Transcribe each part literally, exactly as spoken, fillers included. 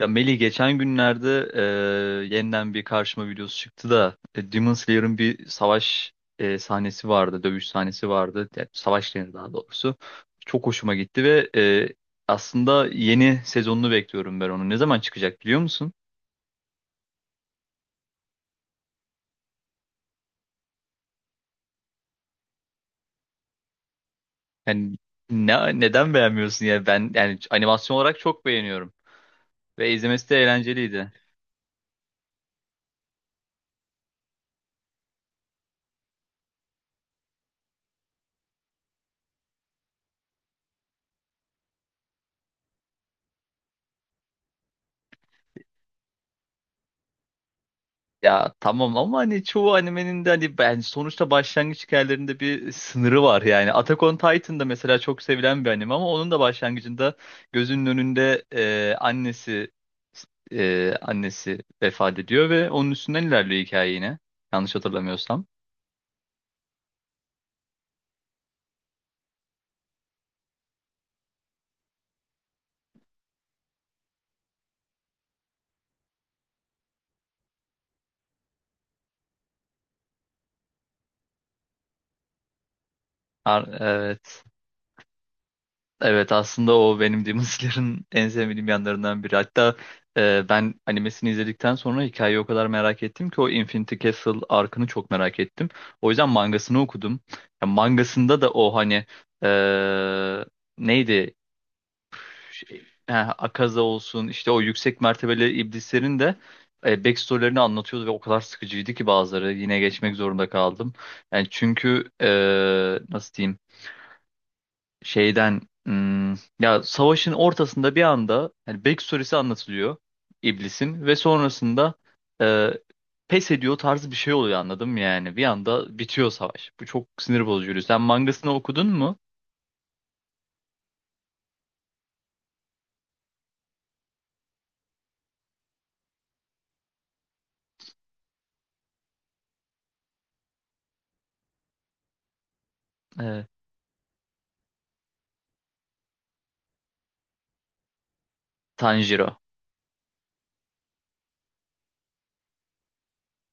Ya Melih geçen günlerde e, yeniden bir karşıma videosu çıktı da e, Demon Slayer'ın bir savaş e, sahnesi vardı, dövüş sahnesi vardı. Yani savaş denir daha doğrusu. Çok hoşuma gitti ve e, aslında yeni sezonunu bekliyorum ben onu. Ne zaman çıkacak biliyor musun? Yani ne, neden beğenmiyorsun ya? Ben yani animasyon olarak çok beğeniyorum ve izlemesi de eğlenceliydi. Ya tamam ama hani çoğu animenin de hani ben sonuçta başlangıç hikayelerinde bir sınırı var yani. Attack on Titan'da mesela çok sevilen bir anime ama onun da başlangıcında gözünün önünde e, annesi e, annesi vefat ediyor ve onun üstünden ilerliyor hikaye yine. Yanlış hatırlamıyorsam. Ar- evet. Evet aslında o benim Demon Slayer'ın en sevmediğim yanlarından biri. Hatta e, ben animesini izledikten sonra hikayeyi o kadar merak ettim ki o Infinity Castle arkını çok merak ettim. O yüzden mangasını okudum. Ya, mangasında da o hani e, neydi şey, ha, Akaza olsun işte o yüksek mertebeli iblislerin de e, backstory'lerini anlatıyordu ve o kadar sıkıcıydı ki bazıları yine geçmek zorunda kaldım. Yani çünkü e, nasıl diyeyim şeyden hmm, ya savaşın ortasında bir anda yani backstory'si anlatılıyor iblisin ve sonrasında e, pes ediyor tarzı bir şey oluyor anladım yani bir anda bitiyor savaş. Bu çok sinir bozucu. Sen mangasını okudun mu? E, Tanjiro.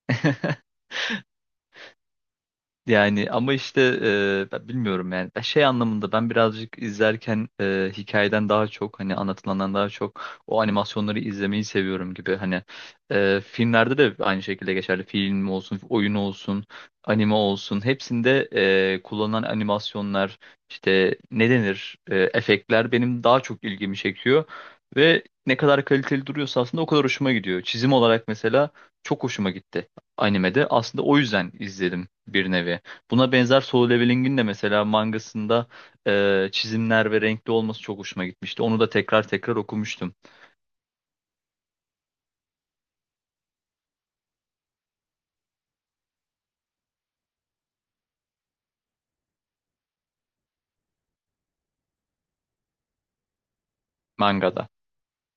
Yani ama işte e, ben bilmiyorum yani. Ben şey anlamında ben birazcık izlerken e, hikayeden daha çok hani anlatılandan daha çok o animasyonları izlemeyi seviyorum gibi hani e, filmlerde de aynı şekilde geçerli film olsun oyun olsun anime olsun hepsinde e, kullanılan animasyonlar işte ne denir e, efektler benim daha çok ilgimi çekiyor ve ne kadar kaliteli duruyorsa aslında o kadar hoşuma gidiyor çizim olarak mesela çok hoşuma gitti animede. Aslında o yüzden izledim bir nevi. Buna benzer Solo Leveling'in de mesela mangasında e, çizimler ve renkli olması çok hoşuma gitmişti. Onu da tekrar tekrar okumuştum mangada.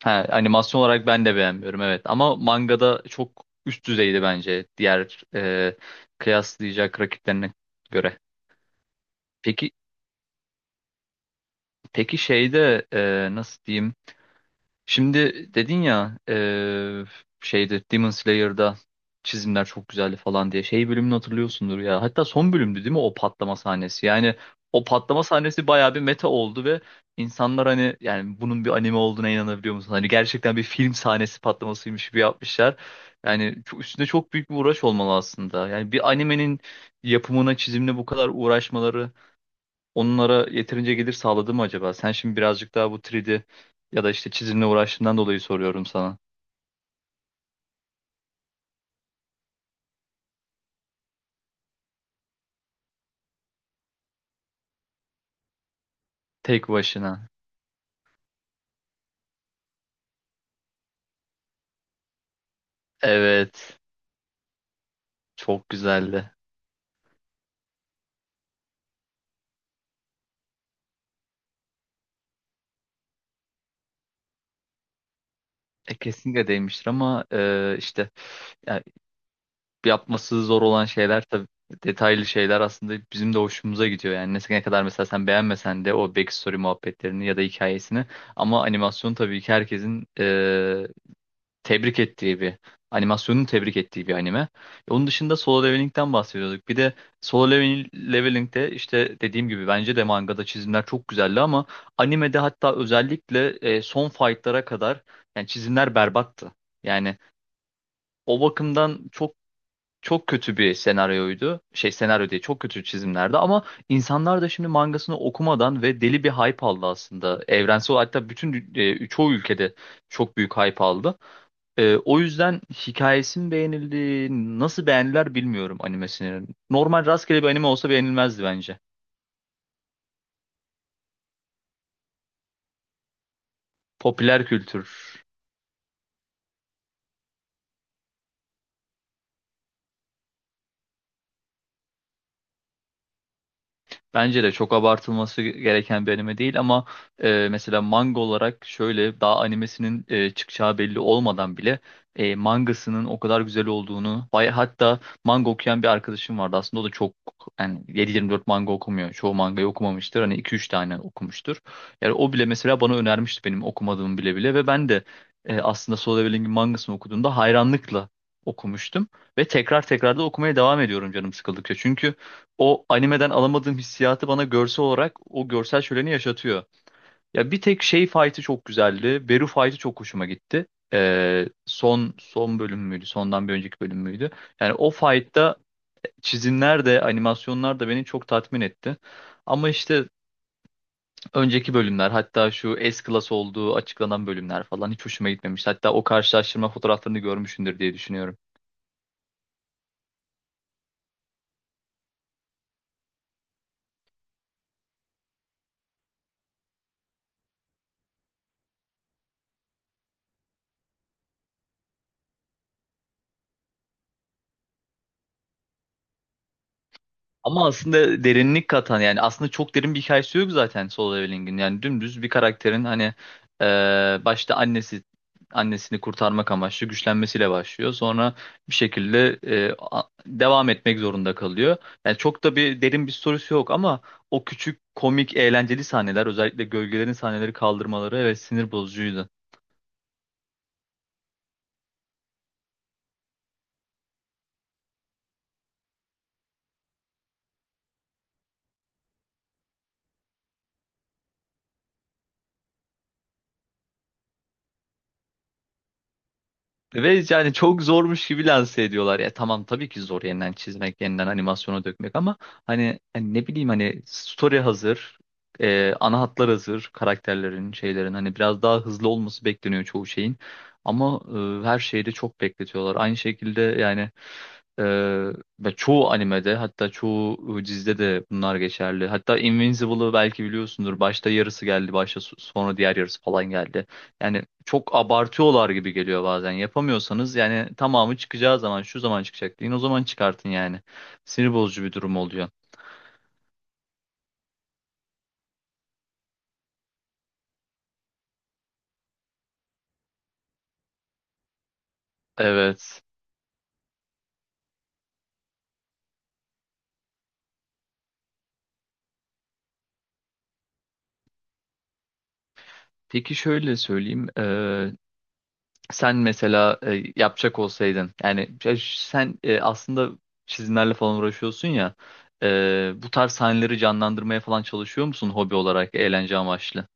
Ha, animasyon olarak ben de beğenmiyorum evet ama mangada çok üst düzeydi bence diğer e, kıyaslayacak rakiplerine göre. Peki peki şeyde e, nasıl diyeyim? Şimdi dedin ya eee, şeyde Demon Slayer'da çizimler çok güzeldi falan diye şey bölümünü hatırlıyorsundur ya. Hatta son bölümdü değil mi o patlama sahnesi? Yani o patlama sahnesi bayağı bir meta oldu ve insanlar hani yani bunun bir anime olduğuna inanabiliyor musun? Hani gerçekten bir film sahnesi patlamasıymış gibi yapmışlar. Yani çok- üstünde çok büyük bir uğraş olmalı aslında. Yani bir animenin yapımına, çizimine bu kadar uğraşmaları onlara yeterince gelir sağladı mı acaba? Sen şimdi birazcık daha bu üç D ya da işte çizimle uğraştığından dolayı soruyorum sana. Tek başına. Evet. Çok güzeldi. E, kesinlikle değmiştir ama e, işte yani yapması zor olan şeyler tabii detaylı şeyler aslında bizim de hoşumuza gidiyor. Yani ne ne kadar mesela sen beğenmesen de o backstory muhabbetlerini ya da hikayesini ama animasyon tabii ki herkesin e, tebrik ettiği bir animasyonun tebrik ettiği bir anime. E, Onun dışında Solo Leveling'den bahsediyorduk. Bir de Solo Level- Leveling'de işte dediğim gibi bence de mangada çizimler çok güzeldi ama animede hatta özellikle e, son fight'lara kadar yani çizimler berbattı. Yani o bakımdan çok çok kötü bir senaryoydu. Şey senaryo diye çok kötü çizimlerdi ama insanlar da şimdi mangasını okumadan ve deli bir hype aldı aslında. Evrensel hatta bütün dü- e, çoğu ülkede çok büyük hype aldı. Ee, o yüzden hikayesi mi beğenildi, nasıl beğendiler bilmiyorum animesini. Normal rastgele bir anime olsa beğenilmezdi bence. Popüler kültür. Bence de çok abartılması gereken bir anime değil ama e, mesela manga olarak şöyle daha animesinin e, çıkacağı belli olmadan bile e, mangasının o kadar güzel olduğunu bay hatta manga okuyan bir arkadaşım vardı aslında o da çok yani yedi yirmi dört manga okumuyor çoğu mangayı okumamıştır hani iki üç tane okumuştur yani o bile mesela bana önermişti benim okumadığım bile bile ve ben de e, aslında Solo Leveling'in mangasını okuduğumda hayranlıkla okumuştum ve tekrar tekrar da okumaya devam ediyorum canım sıkıldıkça çünkü o animeden alamadığım hissiyatı bana görsel olarak o görsel şöleni yaşatıyor. Ya bir tek şey fight'ı çok güzeldi. Beru fight'ı çok hoşuma gitti. Ee, son son bölüm müydü? Sondan bir önceki bölüm müydü? Yani o fight'ta çizimler de animasyonlar da beni çok tatmin etti. Ama işte önceki bölümler hatta şu S-Class olduğu açıklanan bölümler falan hiç hoşuma gitmemiş. Hatta o karşılaştırma fotoğraflarını görmüşsündür diye düşünüyorum. Ama aslında derinlik katan yani aslında çok derin bir hikayesi yok zaten Solo Leveling'in. Yani dümdüz bir karakterin hani eee, başta annesi annesini kurtarmak amaçlı güçlenmesiyle başlıyor. Sonra bir şekilde eee, a- devam etmek zorunda kalıyor. Yani çok da bir derin bir sorusu yok ama o küçük komik eğlenceli sahneler özellikle gölgelerin sahneleri kaldırmaları evet sinir bozucuydu. Ve yani çok zormuş gibi lanse ediyorlar. Ya tamam tabii ki zor yeniden çizmek, yeniden animasyona dökmek ama hani, hani ne bileyim hani story hazır, e, ana hatlar hazır, karakterlerin, şeylerin hani biraz daha hızlı olması bekleniyor çoğu şeyin. Ama e, her şeyi de çok bekletiyorlar. Aynı şekilde yani ee, ve çoğu animede hatta çoğu ıı, dizide de bunlar geçerli. Hatta Invincible'ı belki biliyorsundur. Başta yarısı geldi, başta so- sonra diğer yarısı falan geldi. Yani çok abartıyorlar gibi geliyor bazen. Yapamıyorsanız yani tamamı çıkacağı zaman şu zaman çıkacak deyin o zaman çıkartın yani. Sinir bozucu bir durum oluyor. Evet. Peki şöyle söyleyeyim. Sen mesela e, yapacak olsaydın yani ya ş- sen e, aslında çizimlerle falan uğraşıyorsun ya e, bu tarz sahneleri canlandırmaya falan çalışıyor musun hobi olarak eğlence amaçlı?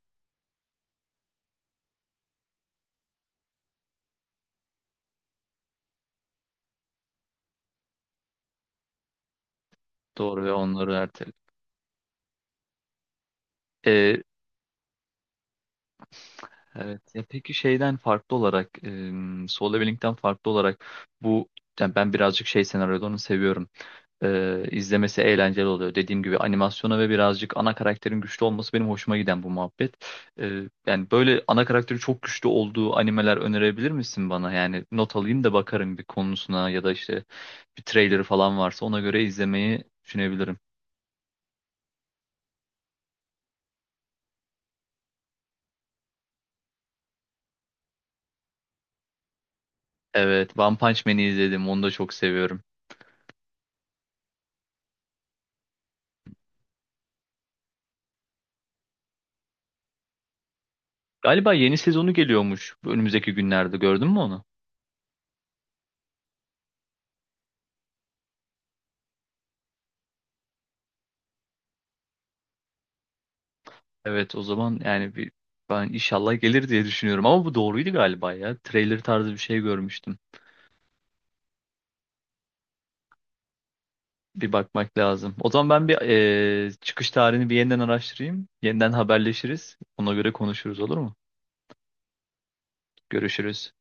Doğru ve onları ertele. Evet. Ya peki şeyden farklı olarak, e, Solo Leveling'den farklı olarak bu yani ben birazcık şey senaryolarını seviyorum. E, izlemesi eğlenceli oluyor. Dediğim gibi animasyona ve birazcık ana karakterin güçlü olması benim hoşuma giden bu muhabbet. E, yani böyle ana karakteri çok güçlü olduğu animeler önerebilir misin bana? Yani not alayım da bakarım bir konusuna ya da işte bir trailerı falan varsa ona göre izlemeyi düşünebilirim. Evet, One Punch Man'i izledim. Onu da çok seviyorum. Galiba yeni sezonu geliyormuş önümüzdeki günlerde gördün mü onu? Evet, o zaman yani bir ben inşallah gelir diye düşünüyorum ama bu doğruydu galiba ya. Trailer tarzı bir şey görmüştüm. Bir bakmak lazım. O zaman ben bir eee, çıkış tarihini bir yeniden araştırayım. Yeniden haberleşiriz. Ona göre konuşuruz, olur mu? Görüşürüz.